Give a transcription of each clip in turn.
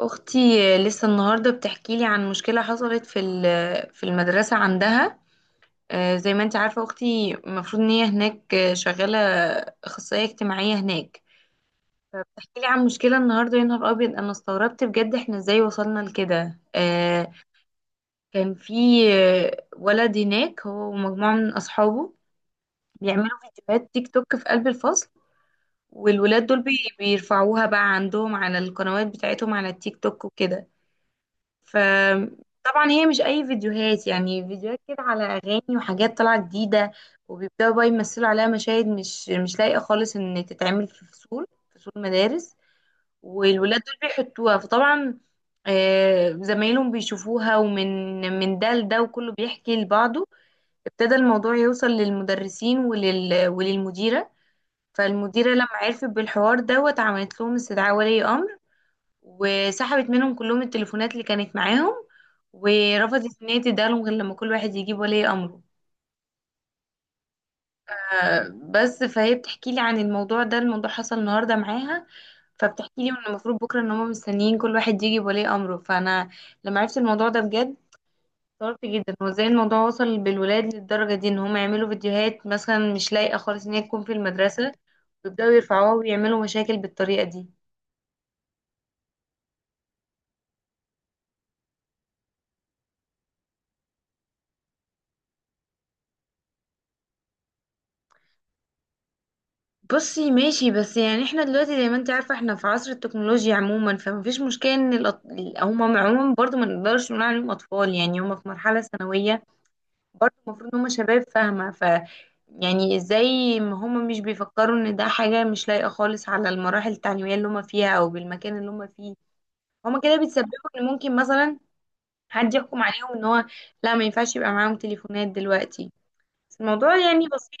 اختي لسه النهارده بتحكي لي عن مشكله حصلت في المدرسه عندها. زي ما انت عارفه اختي المفروض ان هي هناك شغاله اخصائيه اجتماعيه هناك. فبتحكي لي عن مشكله النهارده، يا نهار ابيض، انا استغربت بجد احنا ازاي وصلنا لكده. كان في ولد هناك هو ومجموعه من اصحابه بيعملوا فيديوهات تيك توك في قلب الفصل، والولاد دول بيرفعوها بقى عندهم على القنوات بتاعتهم على التيك توك وكده. فطبعا هي مش اي فيديوهات، يعني فيديوهات كده على اغاني وحاجات طالعه جديده، وبيبداوا بقى يمثلوا عليها مشاهد مش لايقه خالص ان تتعمل في فصول، فصول مدارس. والولاد دول بيحطوها، فطبعا زمايلهم بيشوفوها، ومن ده لده وكله بيحكي لبعضه. ابتدى الموضوع يوصل للمدرسين وللمديره. فالمديره لما عرفت بالحوار دوت عملت لهم استدعاء ولي امر، وسحبت منهم كلهم التليفونات اللي كانت معاهم، ورفضت ان هي تديهالهم غير لما كل واحد يجيب ولي امره. بس فهي بتحكي لي عن الموضوع ده، الموضوع حصل النهارده معاها. فبتحكي لي ان المفروض بكره ان هم مستنيين كل واحد يجي بولي امره. فانا لما عرفت الموضوع ده بجد استغربت جدا هو ازاي الموضوع وصل بالولاد للدرجه دي، ان هم يعملوا فيديوهات مثلا مش لايقه خالص ان هي تكون في المدرسه ويبداوا يرفعوها ويعملوا مشاكل بالطريقه دي. بصي ماشي، بس يعني احنا دلوقتي زي ما انت عارفة احنا في عصر التكنولوجيا عموما، فمفيش مشكلة ان هم عموما برضو ما نقدرش نقول عليهم اطفال، يعني هم في مرحلة ثانوية، برضو المفروض ان هم شباب فاهمة. ف يعني ازاي ما هم مش بيفكروا ان ده حاجة مش لايقة خالص على المراحل التعليمية اللي هم فيها او بالمكان اللي هم فيه. هم كده بيتسببوا ان ممكن مثلا حد يحكم عليهم ان هو لا، ما ينفعش يبقى معاهم تليفونات دلوقتي، بس الموضوع يعني بسيط.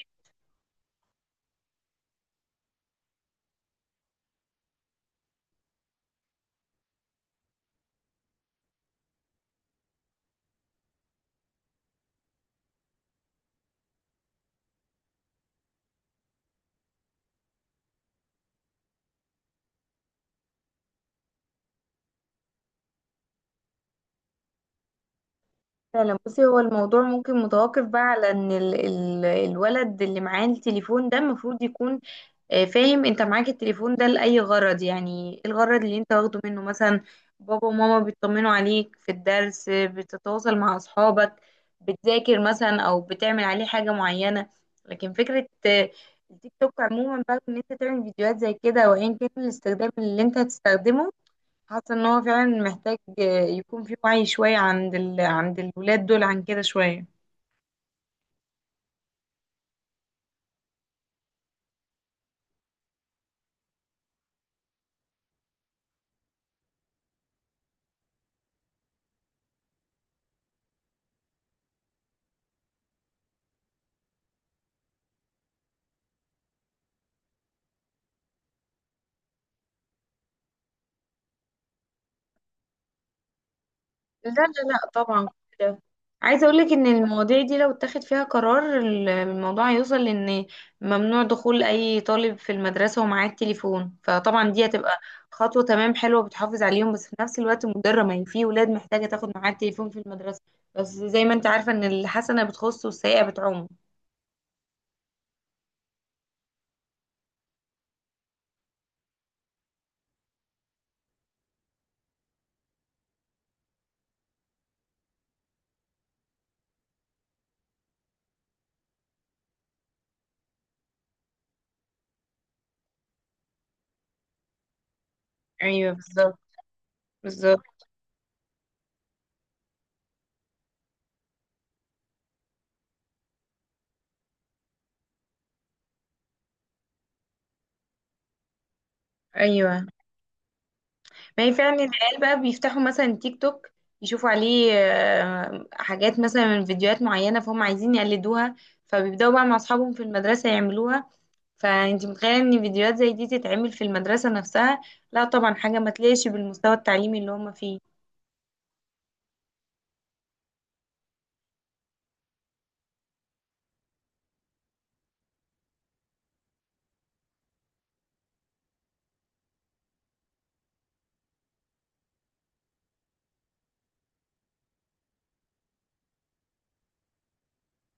فعلا بصي، هو الموضوع ممكن متوقف بقى على ان ال الولد اللي معاه التليفون ده المفروض يكون فاهم انت معاك التليفون ده لأي غرض، يعني إيه الغرض اللي انت واخده منه. مثلا بابا وماما بيطمنوا عليك في الدرس، بتتواصل مع اصحابك، بتذاكر مثلا او بتعمل عليه حاجة معينة. لكن فكرة التيك توك عموما بقى، ان انت تعمل فيديوهات زي كده وايا كان الاستخدام اللي انت هتستخدمه، حاسه ان هو فعلا محتاج يكون في وعي شويه عند الولاد دول عن كده شويه. لا لا لا طبعا كل ده. عايزه اقول لك ان المواضيع دي لو اتخذ فيها قرار الموضوع هيوصل لان ممنوع دخول اي طالب في المدرسه ومعاه التليفون. فطبعا دي هتبقى خطوه تمام حلوه بتحافظ عليهم، بس في نفس الوقت مضره، ما هي في ولاد محتاجه تاخد معاها التليفون في المدرسه. بس زي ما انت عارفه ان الحسنه بتخص والسيئه بتعم. ايوه بالظبط. بالظبط. ايوه، ما هي فعلا العيال بقى بيفتحوا مثلا تيك توك، يشوفوا عليه حاجات مثلا من فيديوهات معينة فهم عايزين يقلدوها، فبيبدأوا بقى مع أصحابهم في المدرسة يعملوها. فأنت متخيلة إن فيديوهات زي دي تتعمل في المدرسة نفسها؟ لا طبعا، حاجة ما تليقش بالمستوى التعليمي اللي هم فيه.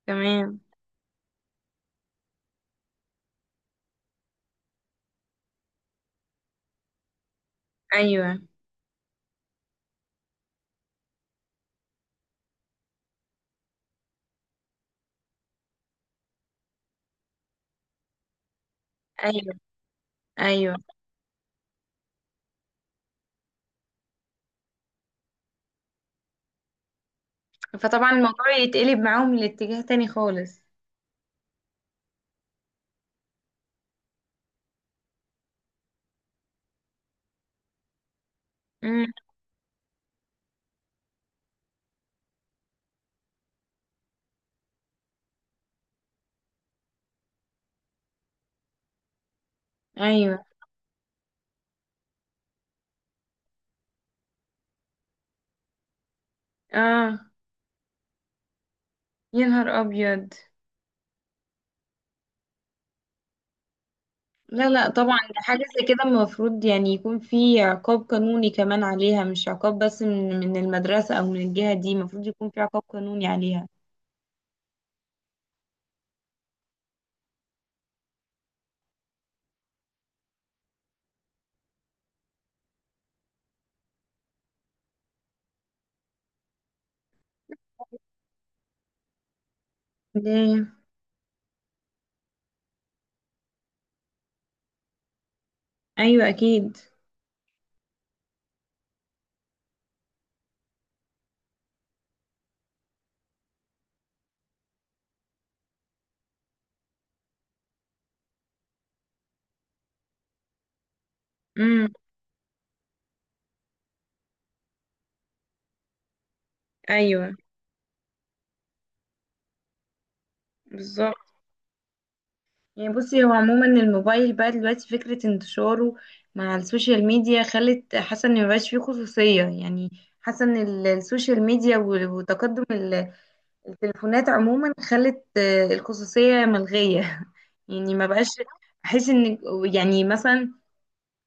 تمام. أيوه. أيوه. أيوه. فطبعا الموضوع يتقلب معاهم لاتجاه تاني خالص. امم. أيوه. آه. يا نهار أبيض. لا لا طبعا، ده حاجة زي كده المفروض يعني يكون في عقاب قانوني كمان عليها، مش عقاب بس من المدرسة أو من الجهة دي، المفروض يكون في عقاب قانوني عليها. ليه؟ أيوة أكيد. امم. أيوة. بالظبط. يعني بصي، هو عموما الموبايل بقى دلوقتي فكرة انتشاره مع السوشيال ميديا خلت حاسة إن مبقاش فيه خصوصية. يعني حاسة إن السوشيال ميديا وتقدم التليفونات عموما خلت الخصوصية ملغية يعني ما بقاش احس ان، يعني مثلا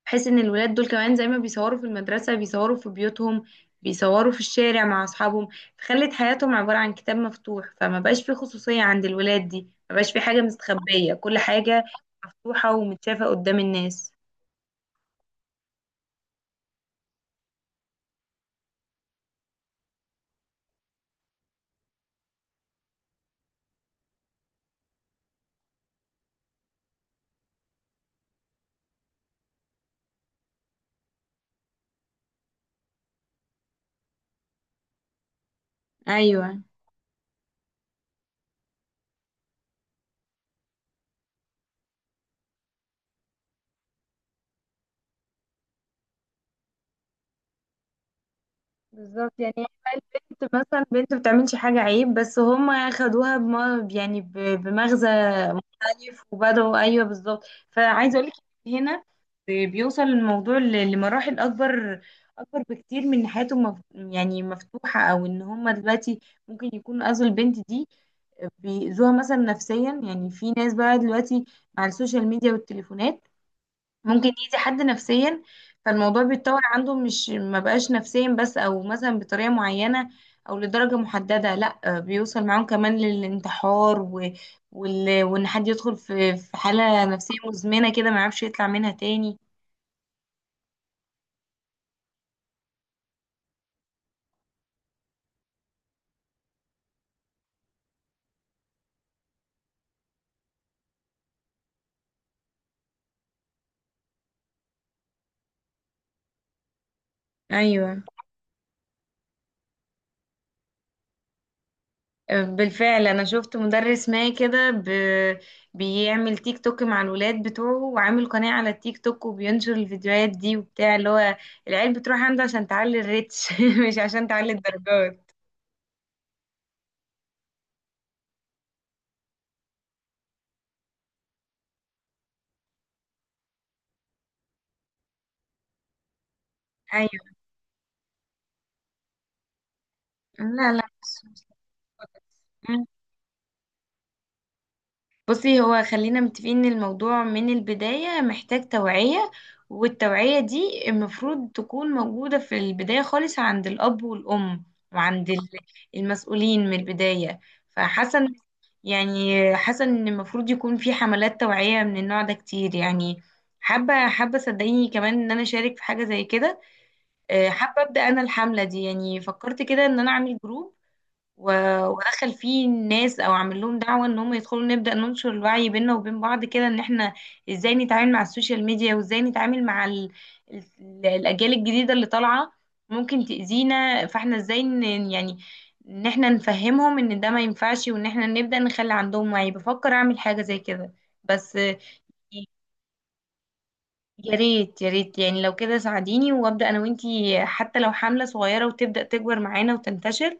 احس ان الولاد دول كمان زي ما بيصوروا في المدرسة بيصوروا في بيوتهم، بيصوروا في الشارع مع اصحابهم، خلت حياتهم عبارة عن كتاب مفتوح. فما بقاش في خصوصية عند الولاد دي، ما بقاش في حاجة مستخبية، كل حاجة مفتوحة ومتشافة قدام الناس. ايوه بالظبط. يعني هي البنت مثلا بنت بتعملش حاجة عيب، بس هم خدوها يعني بمغزى مختلف وبدأوا. أيوه بالظبط. فعايزة أقولك هنا بيوصل الموضوع لمراحل أكبر، أكبر بكتير من إن حياته يعني مفتوحة، أو إن هم دلوقتي ممكن يكونوا أذوا البنت دي، بيأذوها مثلا نفسيا. يعني في ناس بقى دلوقتي مع السوشيال ميديا والتليفونات ممكن يأذي حد نفسيا. فالموضوع بيتطور عنده، مش ما بقاش نفسيا بس او مثلا بطريقة معينة او لدرجة محددة، لا بيوصل معاهم كمان للانتحار وان حد يدخل في حالة نفسية مزمنة كده ما يعرفش يطلع منها تاني. ايوه. بالفعل انا شفت مدرس ما كده بيعمل تيك توك مع الولاد بتوعه، وعامل قناة على التيك توك، وبينشر الفيديوهات دي وبتاع. اللي هو العيال بتروح عنده عشان تعلي الريتش مش عشان تعلي الدرجات. لا لا بس- مم. بصي، هو خلينا متفقين ان الموضوع من البداية محتاج توعية، والتوعية دي المفروض تكون موجودة في البداية خالص عند الأب والأم، وعند ال- المسؤولين من البداية. فحسن يعني، حسن ان المفروض يكون في حملات توعية من النوع ده كتير. يعني حابة صدقيني كمان ان انا اشارك في حاجة زي كده. حابة ابدأ انا الحملة دي، يعني فكرت كده ان انا اعمل جروب و- ودخل فيه الناس او عامل لهم دعوه ان هم يدخلوا، نبدا ننشر الوعي بيننا وبين بعض كده، ان احنا ازاي نتعامل مع السوشيال ميديا وازاي نتعامل مع الاجيال الجديده اللي طالعه ممكن تاذينا. فاحنا ازاي يعني، ان احنا نفهمهم ان ده ما ينفعش، وان احنا نبدا نخلي عندهم وعي. بفكر اعمل حاجه زي كده بس. يا ريت يا ريت، يعني لو كده ساعديني وابدا انا وانتي، حتى لو حمله صغيره وتبدا تكبر معانا وتنتشر.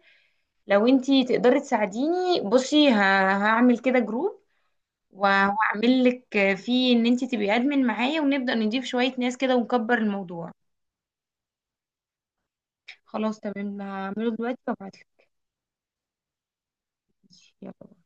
لو انتي تقدري تساعديني بصي، هعمل كده جروب وهعمل لك فيه ان انتي تبقي ادمن معايا، ونبدأ نضيف شوية ناس كده ونكبر الموضوع. خلاص تمام، هعمله دلوقتي وابعتلك. ماشي، يلا.